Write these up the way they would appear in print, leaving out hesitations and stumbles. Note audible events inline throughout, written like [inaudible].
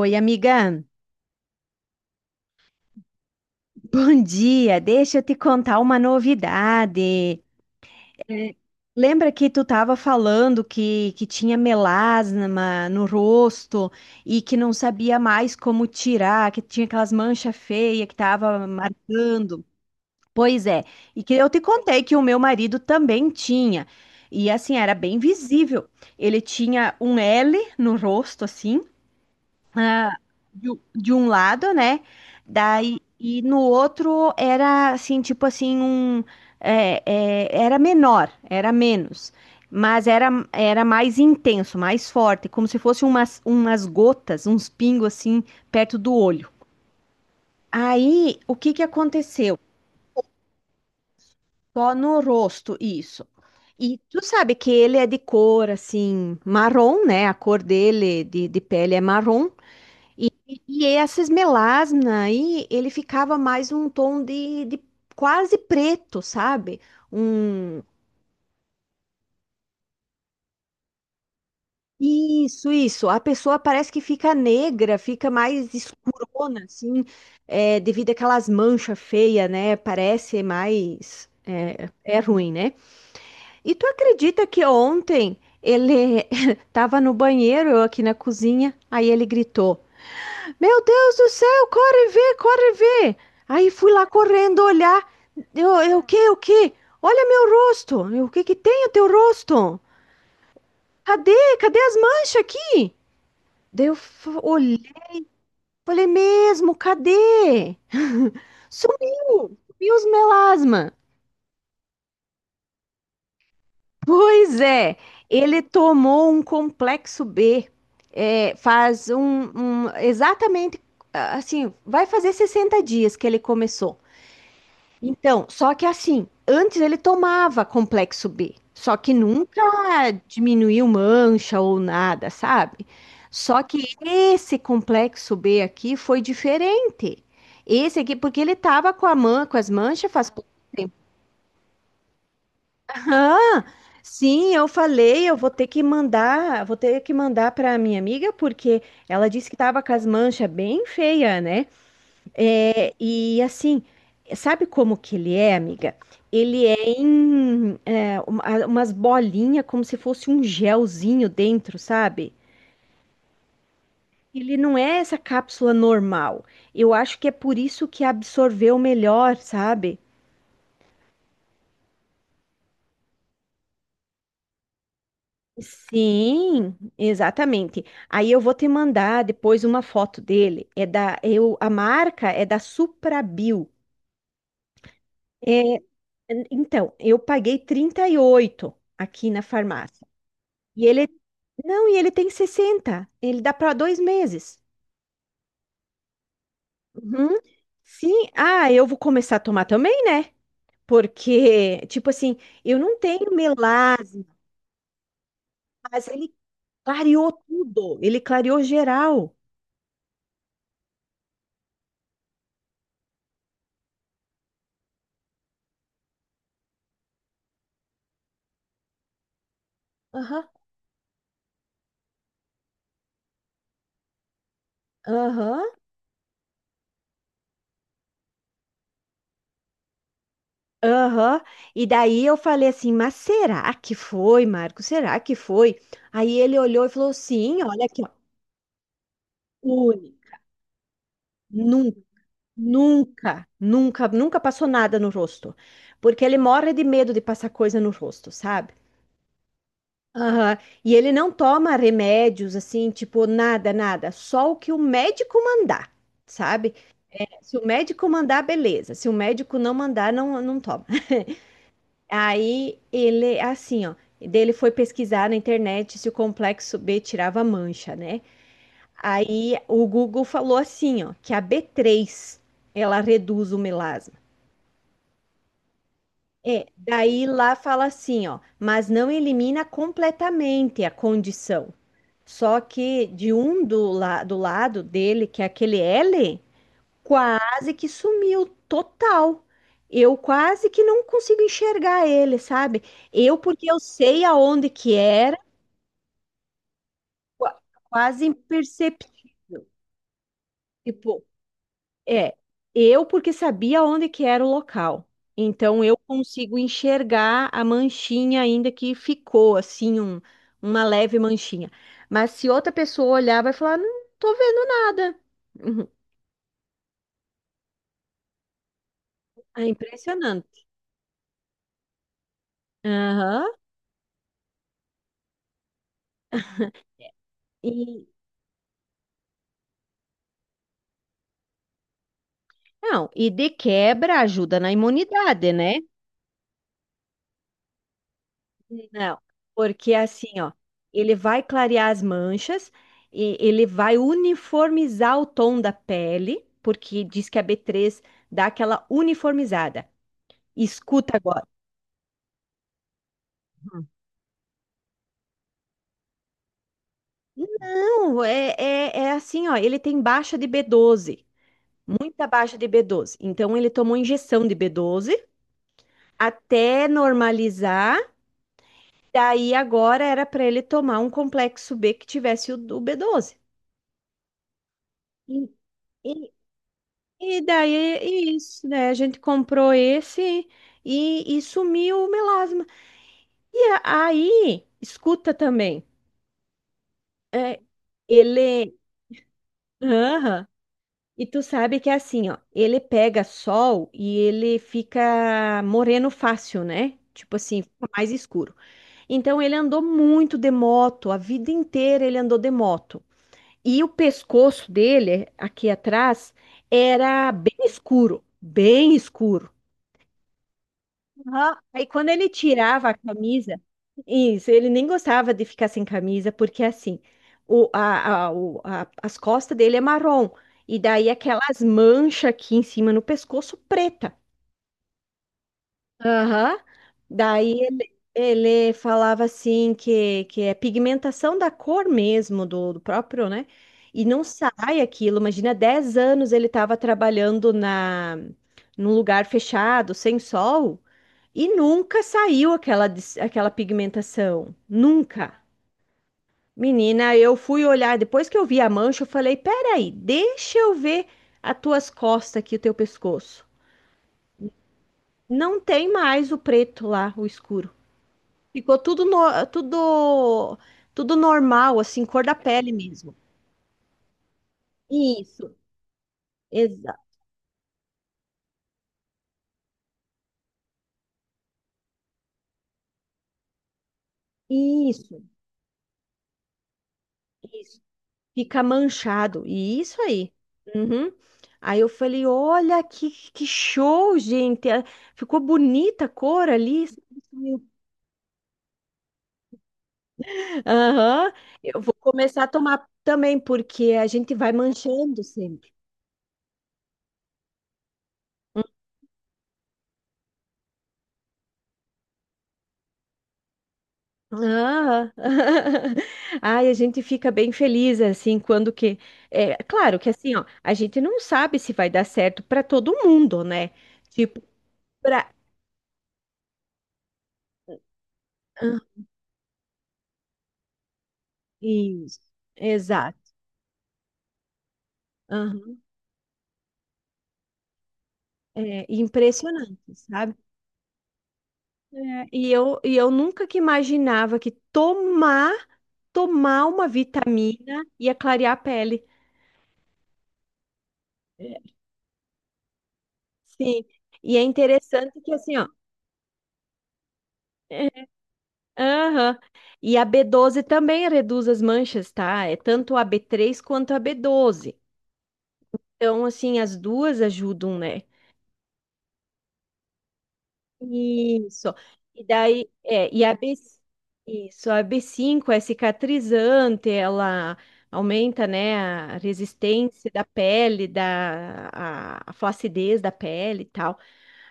Oi, amiga. Bom dia. Deixa eu te contar uma novidade. É, lembra que tu estava falando que tinha melasma no rosto e que não sabia mais como tirar, que tinha aquelas manchas feias que tava marcando? Pois é. E que eu te contei que o meu marido também tinha. E assim, era bem visível. Ele tinha um L no rosto, assim, ah, um de um lado, né? Daí, e no outro era assim, tipo assim, um era menor, era menos, mas era mais intenso, mais forte, como se fosse umas gotas, uns pingos assim, perto do olho. Aí, o que que aconteceu? Só no rosto, isso. E tu sabe que ele é de cor assim, marrom, né? A cor dele de pele é marrom. E, e essas melasmas aí, ele ficava mais um tom de quase preto, sabe? Um... Isso, isso. A pessoa parece que fica negra, fica mais escurona, assim, devido àquelas manchas feias, né? Parece mais. É ruim, né? E tu acredita que ontem ele [laughs] tava no banheiro, eu aqui na cozinha, aí ele gritou. Meu Deus do céu, corre ver, corre ver. Aí fui lá correndo olhar. O que, o que? Olha meu rosto. O que que tem o teu rosto? Cadê? Cadê as manchas aqui? Daí eu olhei, falei mesmo, cadê? [laughs] Sumiu, sumiu os melasma. Pois é, ele tomou um complexo B. É, faz um, exatamente assim, vai fazer 60 dias que ele começou. Então, só que assim, antes ele tomava complexo B, só que nunca diminuiu mancha ou nada, sabe? Só que esse complexo B aqui foi diferente. Esse aqui, porque ele tava com a com as manchas, faz. Ah, sim, eu falei, eu vou ter que mandar, para minha amiga, porque ela disse que tava com as manchas bem feia, né? É, e assim, sabe como que ele é, amiga? Ele é umas bolinhas, como se fosse um gelzinho dentro, sabe? Ele não é essa cápsula normal. Eu acho que é por isso que absorveu melhor, sabe? Sim, exatamente. Aí eu vou te mandar depois uma foto dele. A marca é da Suprabio. Então, eu paguei 38 aqui na farmácia. E ele, não, e ele tem 60. Ele dá para 2 meses. Uhum. Sim, ah, eu vou começar a tomar também, né? Porque, tipo assim, eu não tenho melasma, mas ele clareou tudo, ele clareou geral. Aham, aham, aham. E daí eu falei assim, mas será que foi, Marco? Será que foi? Aí ele olhou e falou, sim, olha aqui, ó, única, nu- nunca, nunca, nunca passou nada no rosto. Porque ele morre de medo de passar coisa no rosto, sabe? Aham. E ele não toma remédios assim, tipo, nada, nada. Só o que o médico mandar, sabe? Se o médico mandar, beleza. Se o médico não mandar, não, não toma. [laughs] Aí, assim, ó, dele foi pesquisar na internet se o complexo B tirava mancha, né? Aí o Google falou assim, ó, que a B3 ela reduz o melasma. É, daí lá fala assim, ó, mas não elimina completamente a condição. Só que de um do, la do lado dele, que é aquele L, quase que sumiu total. Eu quase que não consigo enxergar ele, sabe? Eu, porque eu sei aonde que era, qua- quase imperceptível. Tipo, É, eu porque sabia onde que era o local. Então eu consigo enxergar a manchinha ainda que ficou assim uma leve manchinha. Mas se outra pessoa olhar, vai falar, não tô vendo nada. Uhum. É impressionante. Aham. E não, e de quebra ajuda na imunidade, né? Não, porque assim, ó, ele vai clarear as manchas e ele vai uniformizar o tom da pele, porque diz que a B3 dá aquela uniformizada. Escuta agora. Não, é assim, ó, ele tem baixa de B12, muita baixa de B12. Então ele tomou injeção de B12 até normalizar. Daí agora era para ele tomar um complexo B que tivesse o B12. E- E daí, é isso, né? A gente comprou esse e sumiu o melasma. Aí, escuta também, ele. Aham. E tu sabe que é assim, ó, ele pega sol e ele fica moreno fácil, né? Tipo assim, fica mais escuro. Então ele andou muito de moto, a vida inteira ele andou de moto. E o pescoço dele, aqui atrás, era bem escuro, bem escuro. Aham. Aí quando ele tirava a camisa, isso, ele nem gostava de ficar sem camisa, porque assim, o, a- o- a- as costas dele é marrom, e daí aquelas manchas aqui em cima no pescoço preta. Aham. Daí ele, ele falava assim que é pigmentação da cor mesmo, do próprio, né? E não sai aquilo. Imagina, 10 anos ele estava trabalhando na, num lugar fechado, sem sol, e nunca saiu aquela, aquela pigmentação. Nunca. Menina, eu fui olhar, depois que eu vi a mancha, eu falei, peraí, deixa eu ver as tuas costas aqui, o teu pescoço. Não tem mais o preto lá, o escuro. Ficou tudo, tudo, tudo normal, assim, cor da pele mesmo. Isso, exa isso, isso. Fica manchado. E isso aí. Uhum. Aí eu falei, olha que show, gente. Ah, ficou bonita a cor ali. Aham. Eu vou começar a tomar também, porque a gente vai manchando sempre. Ah, [laughs] ai, a gente fica bem feliz assim quando que é claro que assim, ó, a gente não sabe se vai dar certo para todo mundo, né? Tipo para isso, exato, aham. É impressionante, sabe? É, e eu nunca que imaginava que tomar uma vitamina ia clarear a pele. É, Sim, e é interessante que assim, ó. é, Aham. E a B12 também reduz as manchas, tá? É tanto a B3 quanto a B12. Então, assim, as duas ajudam, né? Isso. E daí, é, e a B, isso, a B5 é cicatrizante, ela aumenta, né, a resistência da pele, a flacidez da pele e tal.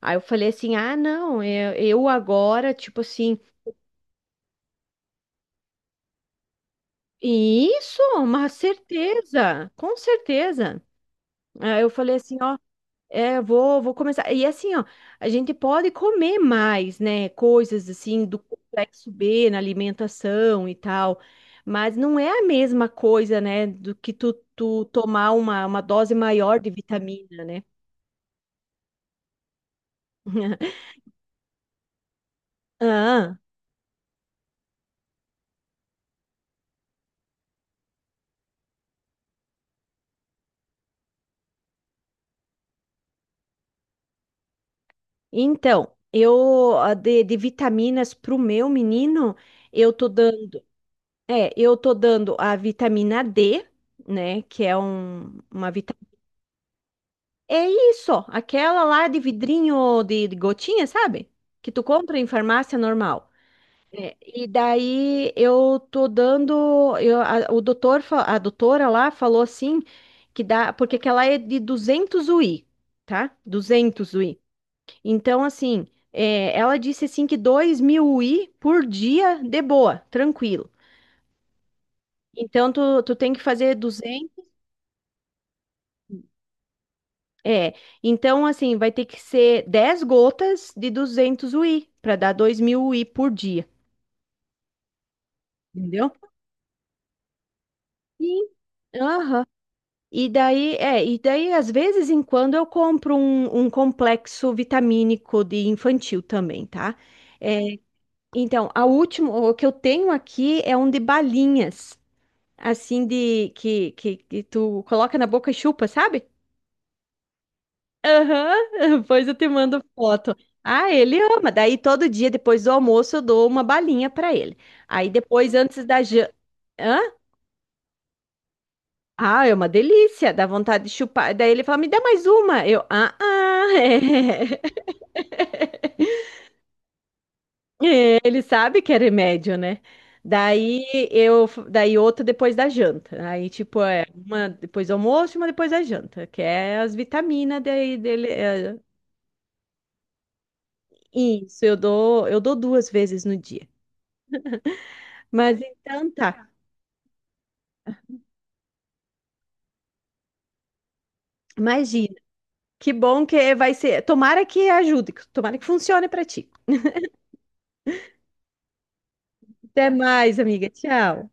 Aí eu falei assim: "Ah, não, eu agora, tipo assim, isso, uma certeza, com certeza. Aí eu falei assim, ó, é, vou começar. E assim, ó, a gente pode comer mais, né? Coisas assim do complexo B na alimentação e tal, mas não é a mesma coisa, né? Do que tu, tomar uma dose maior de vitamina, né? [laughs] Ah, então, eu a de vitaminas pro meu menino, eu tô dando, eu tô dando a vitamina D, né? Que é uma vitamina. É isso, aquela lá de vidrinho de gotinha, sabe? Que tu compra em farmácia normal. É, e daí eu tô dando, a doutora lá falou assim que dá, porque aquela é de 200 UI, tá? 200 UI. Então assim, ela disse assim que 2 mil UI por dia, de boa, tranquilo. Então tu tem que fazer 200. É, então assim, vai ter que ser 10 gotas de 200 UI, para dar 2.000 UI por dia, entendeu? Sim. Aham. E daí, e daí às vezes em quando eu compro um complexo vitamínico de infantil também, tá? É, então, a última, o que eu tenho aqui é um de balinhas, assim de que tu coloca na boca e chupa, sabe? Aham, [laughs] depois eu te mando foto. Ah, ele ama. Daí todo dia depois do almoço eu dou uma balinha pra ele. Aí depois antes da jan... Hã? Ah, é uma delícia, dá vontade de chupar. Daí ele fala: "Me dá mais uma". Eu: "Ah, ah". [laughs] Ele sabe que é remédio, né? Daí eu, daí outra depois da janta. Aí tipo é uma depois do almoço, e uma depois da janta, que é as vitaminas daí dele. Isso, eu dou 2 vezes no dia. Mas então tá. Imagina. Que bom que vai ser. Tomara que ajude, tomara que funcione para ti. Até mais, amiga. Tchau.